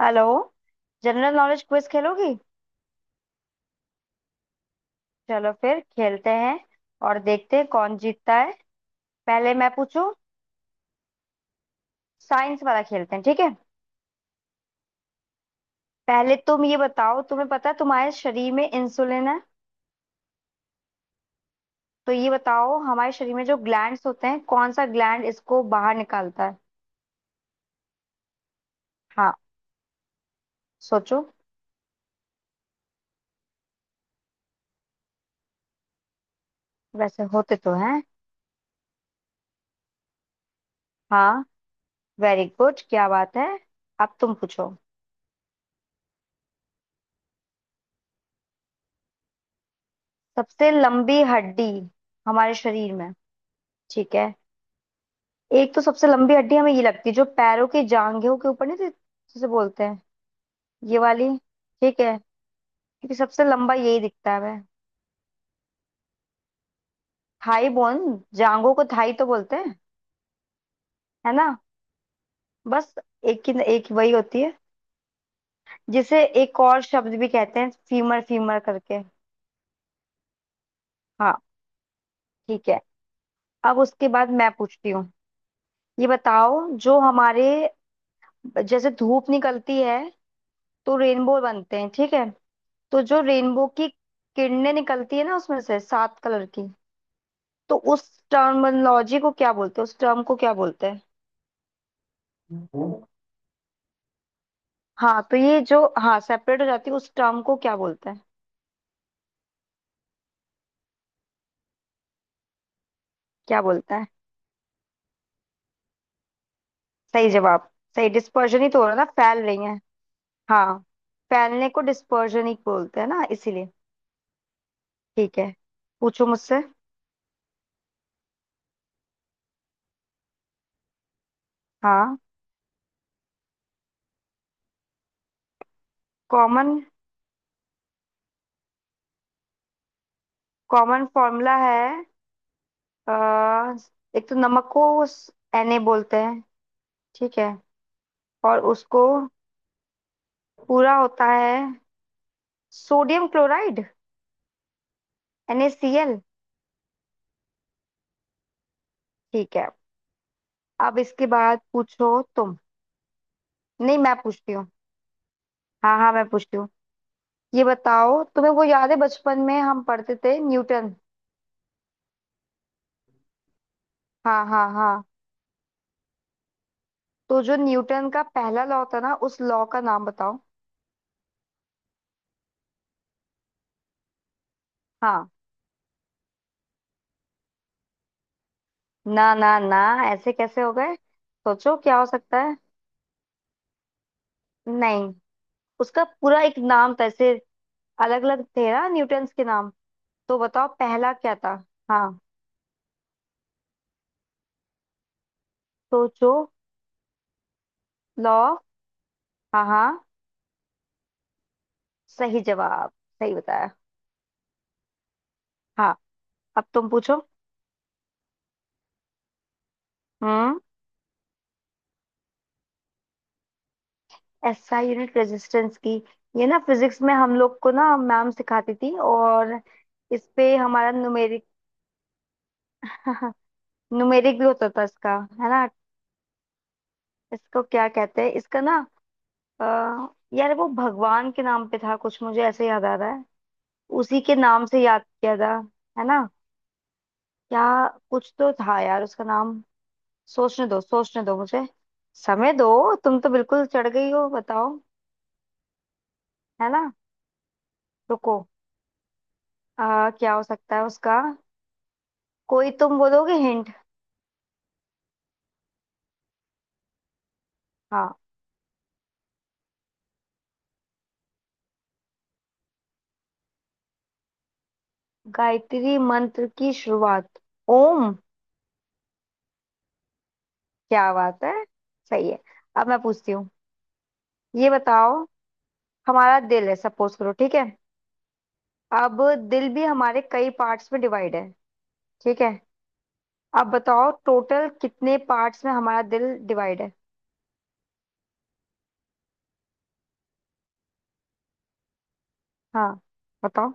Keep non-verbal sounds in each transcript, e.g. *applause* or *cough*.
Hello. General knowledge quiz खेलोगी। चलो फिर खेलते हैं और देखते हैं कौन जीतता है। पहले मैं पूछूं। साइंस वाला खेलते हैं, ठीक है। पहले तुम ये बताओ, तुम्हें पता है तुम्हारे शरीर में इंसुलिन है। तो ये बताओ, हमारे शरीर में जो ग्लैंड्स होते हैं कौन सा ग्लैंड इसको बाहर निकालता है। हाँ। सोचो। वैसे होते तो हैं। हाँ। वेरी गुड, क्या बात है। अब तुम पूछो। सबसे लंबी हड्डी हमारे शरीर में। ठीक है। एक तो सबसे लंबी हड्डी हमें ये लगती है जो पैरों के जांघों के ऊपर नहीं जिसे बोलते हैं। ये वाली। ठीक है। क्योंकि सबसे लंबा यही दिखता है हमें। Thigh bone. जांघों को थाई तो बोलते हैं, है ना। बस एक ही, एक वही होती है जिसे एक और शब्द भी कहते हैं, फीमर फीमर करके। हाँ। ठीक है। अब उसके बाद मैं पूछती हूँ। ये बताओ, जो हमारे, जैसे धूप निकलती है तो रेनबो बनते हैं, ठीक है। तो जो रेनबो की किरणें निकलती है ना उसमें से सात कलर की। तो उस टर्मिनोलॉजी को क्या बोलते हैं, उस टर्म को क्या बोलते हैं। हाँ तो ये जो, हाँ, सेपरेट हो जाती है उस टर्म को क्या बोलते हैं। क्या बोलते हैं। सही जवाब। सही, डिस्पर्जन ही तो हो रहा है ना, फैल रही है। हाँ। फैलने को डिस्पर्जन ही बोलते हैं ना इसीलिए। ठीक है। पूछो मुझसे। हाँ। कॉमन। कॉमन फॉर्मूला है। अ, एक तो नमक को Na बोलते हैं। ठीक है। और उसको पूरा होता है सोडियम क्लोराइड। NaCl। ठीक है। अब इसके बाद पूछो तुम। नहीं, मैं पूछती हूँ। हाँ हाँ, मैं पूछती हूँ। ये बताओ, तुम्हें वो याद है बचपन में हम पढ़ते थे न्यूटन। हाँ हाँ हाँ। तो जो न्यूटन का पहला लॉ था ना, उस लॉ का नाम बताओ। हाँ। ना ना ना, ऐसे कैसे हो गए, सोचो क्या हो सकता है। नहीं, उसका पूरा एक नाम था ऐसे। अलग अलग थे ना न्यूटन के नाम। तो बताओ पहला क्या था। हाँ। सोचो। लॉ। हाँ हाँ। सही जवाब, सही बताया। हाँ। अब तुम पूछो। हम्म। एसआई यूनिट रेजिस्टेंस की। ये ना फिजिक्स में हम लोग को ना मैम सिखाती थी, और इस पे हमारा न्यूमेरिक, न्यूमेरिक *laughs* भी होता था इसका, है ना। इसको क्या कहते हैं इसका ना। अ, यार वो भगवान के नाम पे था कुछ, मुझे ऐसे याद आ रहा है। उसी के नाम से याद किया था, है ना। क्या, कुछ तो था यार उसका नाम। सोचने दो, सोचने दो मुझे। समय दो, तुम तो बिल्कुल चढ़ गई हो, बताओ। है ना। रुको। क्या हो सकता है उसका। कोई तुम बोलोगे हिंट। हाँ। गायत्री मंत्र की शुरुआत। ओम। क्या बात है, सही है। अब मैं पूछती हूँ। ये बताओ, हमारा दिल है, सपोज करो, ठीक है। अब दिल भी हमारे कई पार्ट्स में डिवाइड है, ठीक है। अब बताओ टोटल कितने पार्ट्स में हमारा दिल डिवाइड है। हाँ बताओ।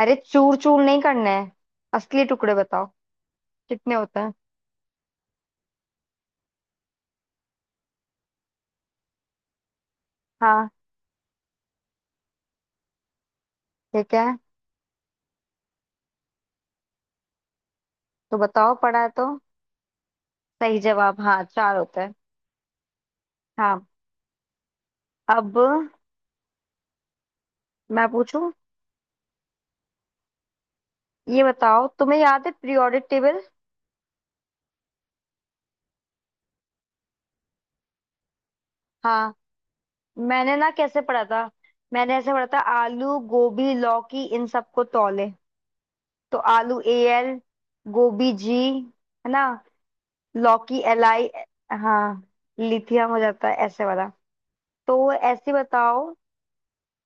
अरे चूर चूर नहीं करना है, असली टुकड़े बताओ कितने होते हैं। हाँ। ठीक है, तो बताओ, पढ़ा है तो। सही जवाब, हाँ चार होता है। हाँ। अब मैं पूछूं। ये बताओ, तुम्हें याद है पीरियोडिक टेबल। हाँ। मैंने ना कैसे पढ़ा था, मैंने ऐसे पढ़ा था, आलू गोभी लौकी इन सबको तौले। तो आलू ए एल, गोभी जी, है ना, लौकी एल आई। हाँ, लिथियम हो जाता है ऐसे वाला। तो ऐसे बताओ,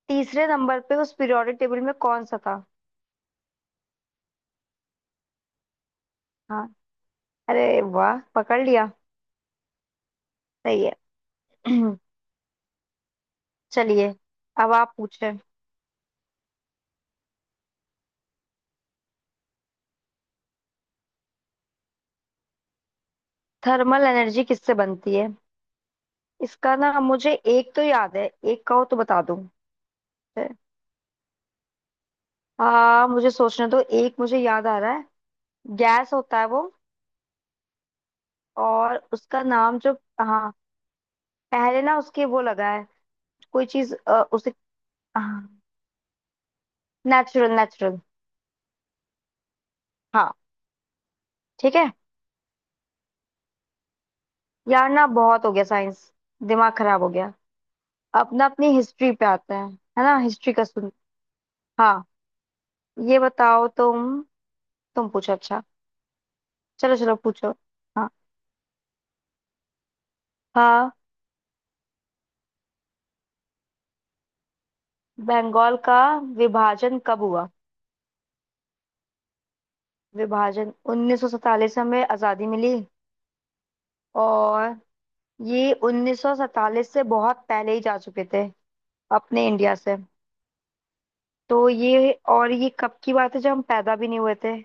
तीसरे नंबर पे उस पीरियोडिक टेबल में कौन सा था। हाँ। अरे वाह, पकड़ लिया। सही है। *clears throat* चलिए, अब आप पूछे। थर्मल एनर्जी किससे बनती है। इसका ना मुझे एक तो याद है, एक कहो तो बता दूं। हाँ मुझे सोचने दो। एक मुझे याद आ रहा है। गैस होता है वो। और उसका नाम जो, हाँ, पहले ना उसके वो लगा है। कोई चीज। उसे नेचुरल, नेचुरल। हाँ। ठीक है। यार ना बहुत हो गया साइंस, दिमाग खराब हो गया। अब ना अपनी हिस्ट्री पे आते हैं। है ना, हिस्ट्री का सुन। हाँ। ये बताओ तुम। तुम पूछो अच्छा। चलो चलो पूछो। हाँ हाँ। बंगाल का विभाजन कब हुआ। विभाजन 1947 में हमें आजादी मिली। और ये 1947 से बहुत पहले ही जा चुके थे अपने इंडिया से। तो ये, और ये कब की बात है, जब हम पैदा भी नहीं हुए थे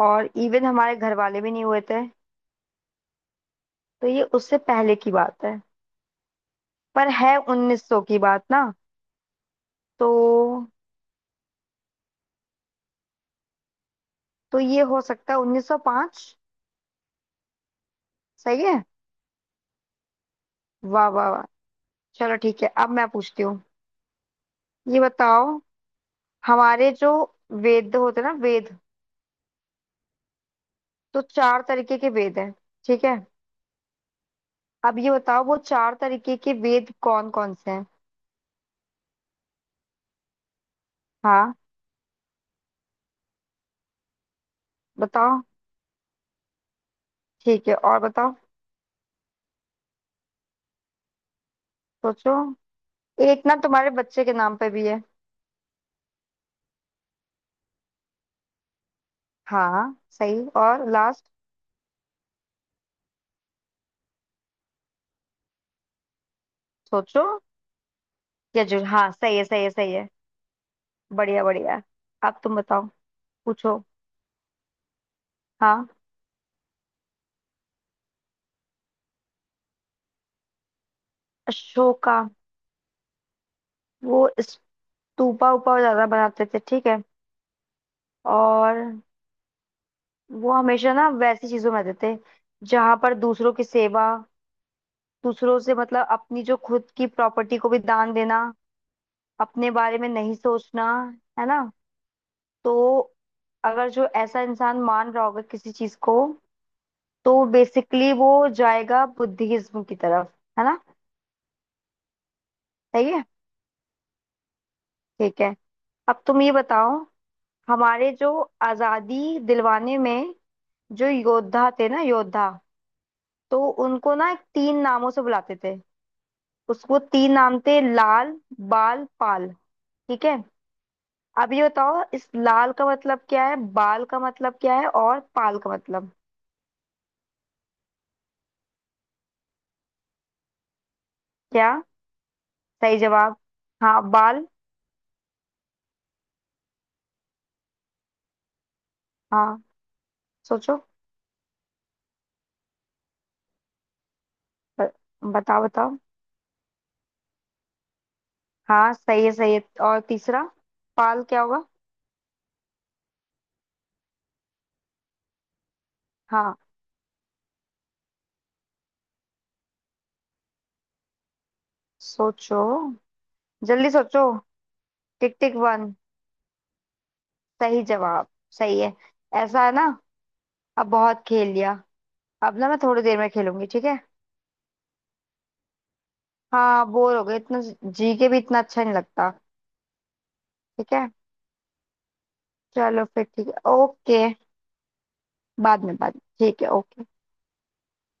और इवन हमारे घर वाले भी नहीं हुए थे। तो ये उससे पहले की बात है। पर है 1900 की बात ना। तो तो ये हो सकता है 1905। सही है। वाह वाह वाह। चलो ठीक है, अब मैं पूछती हूँ। ये बताओ, हमारे जो वेद होते हैं ना वेद, तो चार तरीके के वेद हैं, ठीक है। अब ये बताओ वो चार तरीके के वेद कौन कौन से हैं। हाँ बताओ। ठीक है, और बताओ। सोचो। एक ना तुम्हारे बच्चे के नाम पे भी है। हाँ सही, और लास्ट। सोचो। यजुर। हाँ सही है, सही है, सही है। बढ़िया बढ़िया। अब तुम बताओ। पूछो। हाँ। अशोका वो स्तूपा उपा ज्यादा बनाते थे, ठीक है। और वो हमेशा ना वैसी चीजों में रहते थे जहां पर दूसरों की सेवा, दूसरों से मतलब अपनी जो खुद की प्रॉपर्टी को भी दान देना, अपने बारे में नहीं सोचना, है ना। तो अगर जो ऐसा इंसान मान रहा होगा किसी चीज को, तो बेसिकली वो जाएगा बुद्धिज्म की तरफ, है ना। सही है। ठीक है। अब तुम ये बताओ, हमारे जो आजादी दिलवाने में जो योद्धा थे ना योद्धा, तो उनको ना तीन नामों से बुलाते थे। उसको तीन नाम थे लाल बाल पाल, ठीक है। अब ये बताओ इस लाल का मतलब क्या है, बाल का मतलब क्या है, और पाल का मतलब क्या। सही जवाब। हाँ बाल। हाँ सोचो। ब- बताओ बताओ। हाँ सही है, सही है। और तीसरा पाल क्या होगा। हाँ। सोचो, जल्दी सोचो। टिक टिक वन। सही जवाब, सही है। ऐसा है ना। अब बहुत खेल लिया, अब ना मैं थोड़ी देर में खेलूंगी, ठीक है। हाँ बोर हो गए इतना, जी के भी इतना अच्छा नहीं लगता। ठीक है। चलो फिर, ठीक है, ओके। बाद में, बाद में। ठीक है, ओके।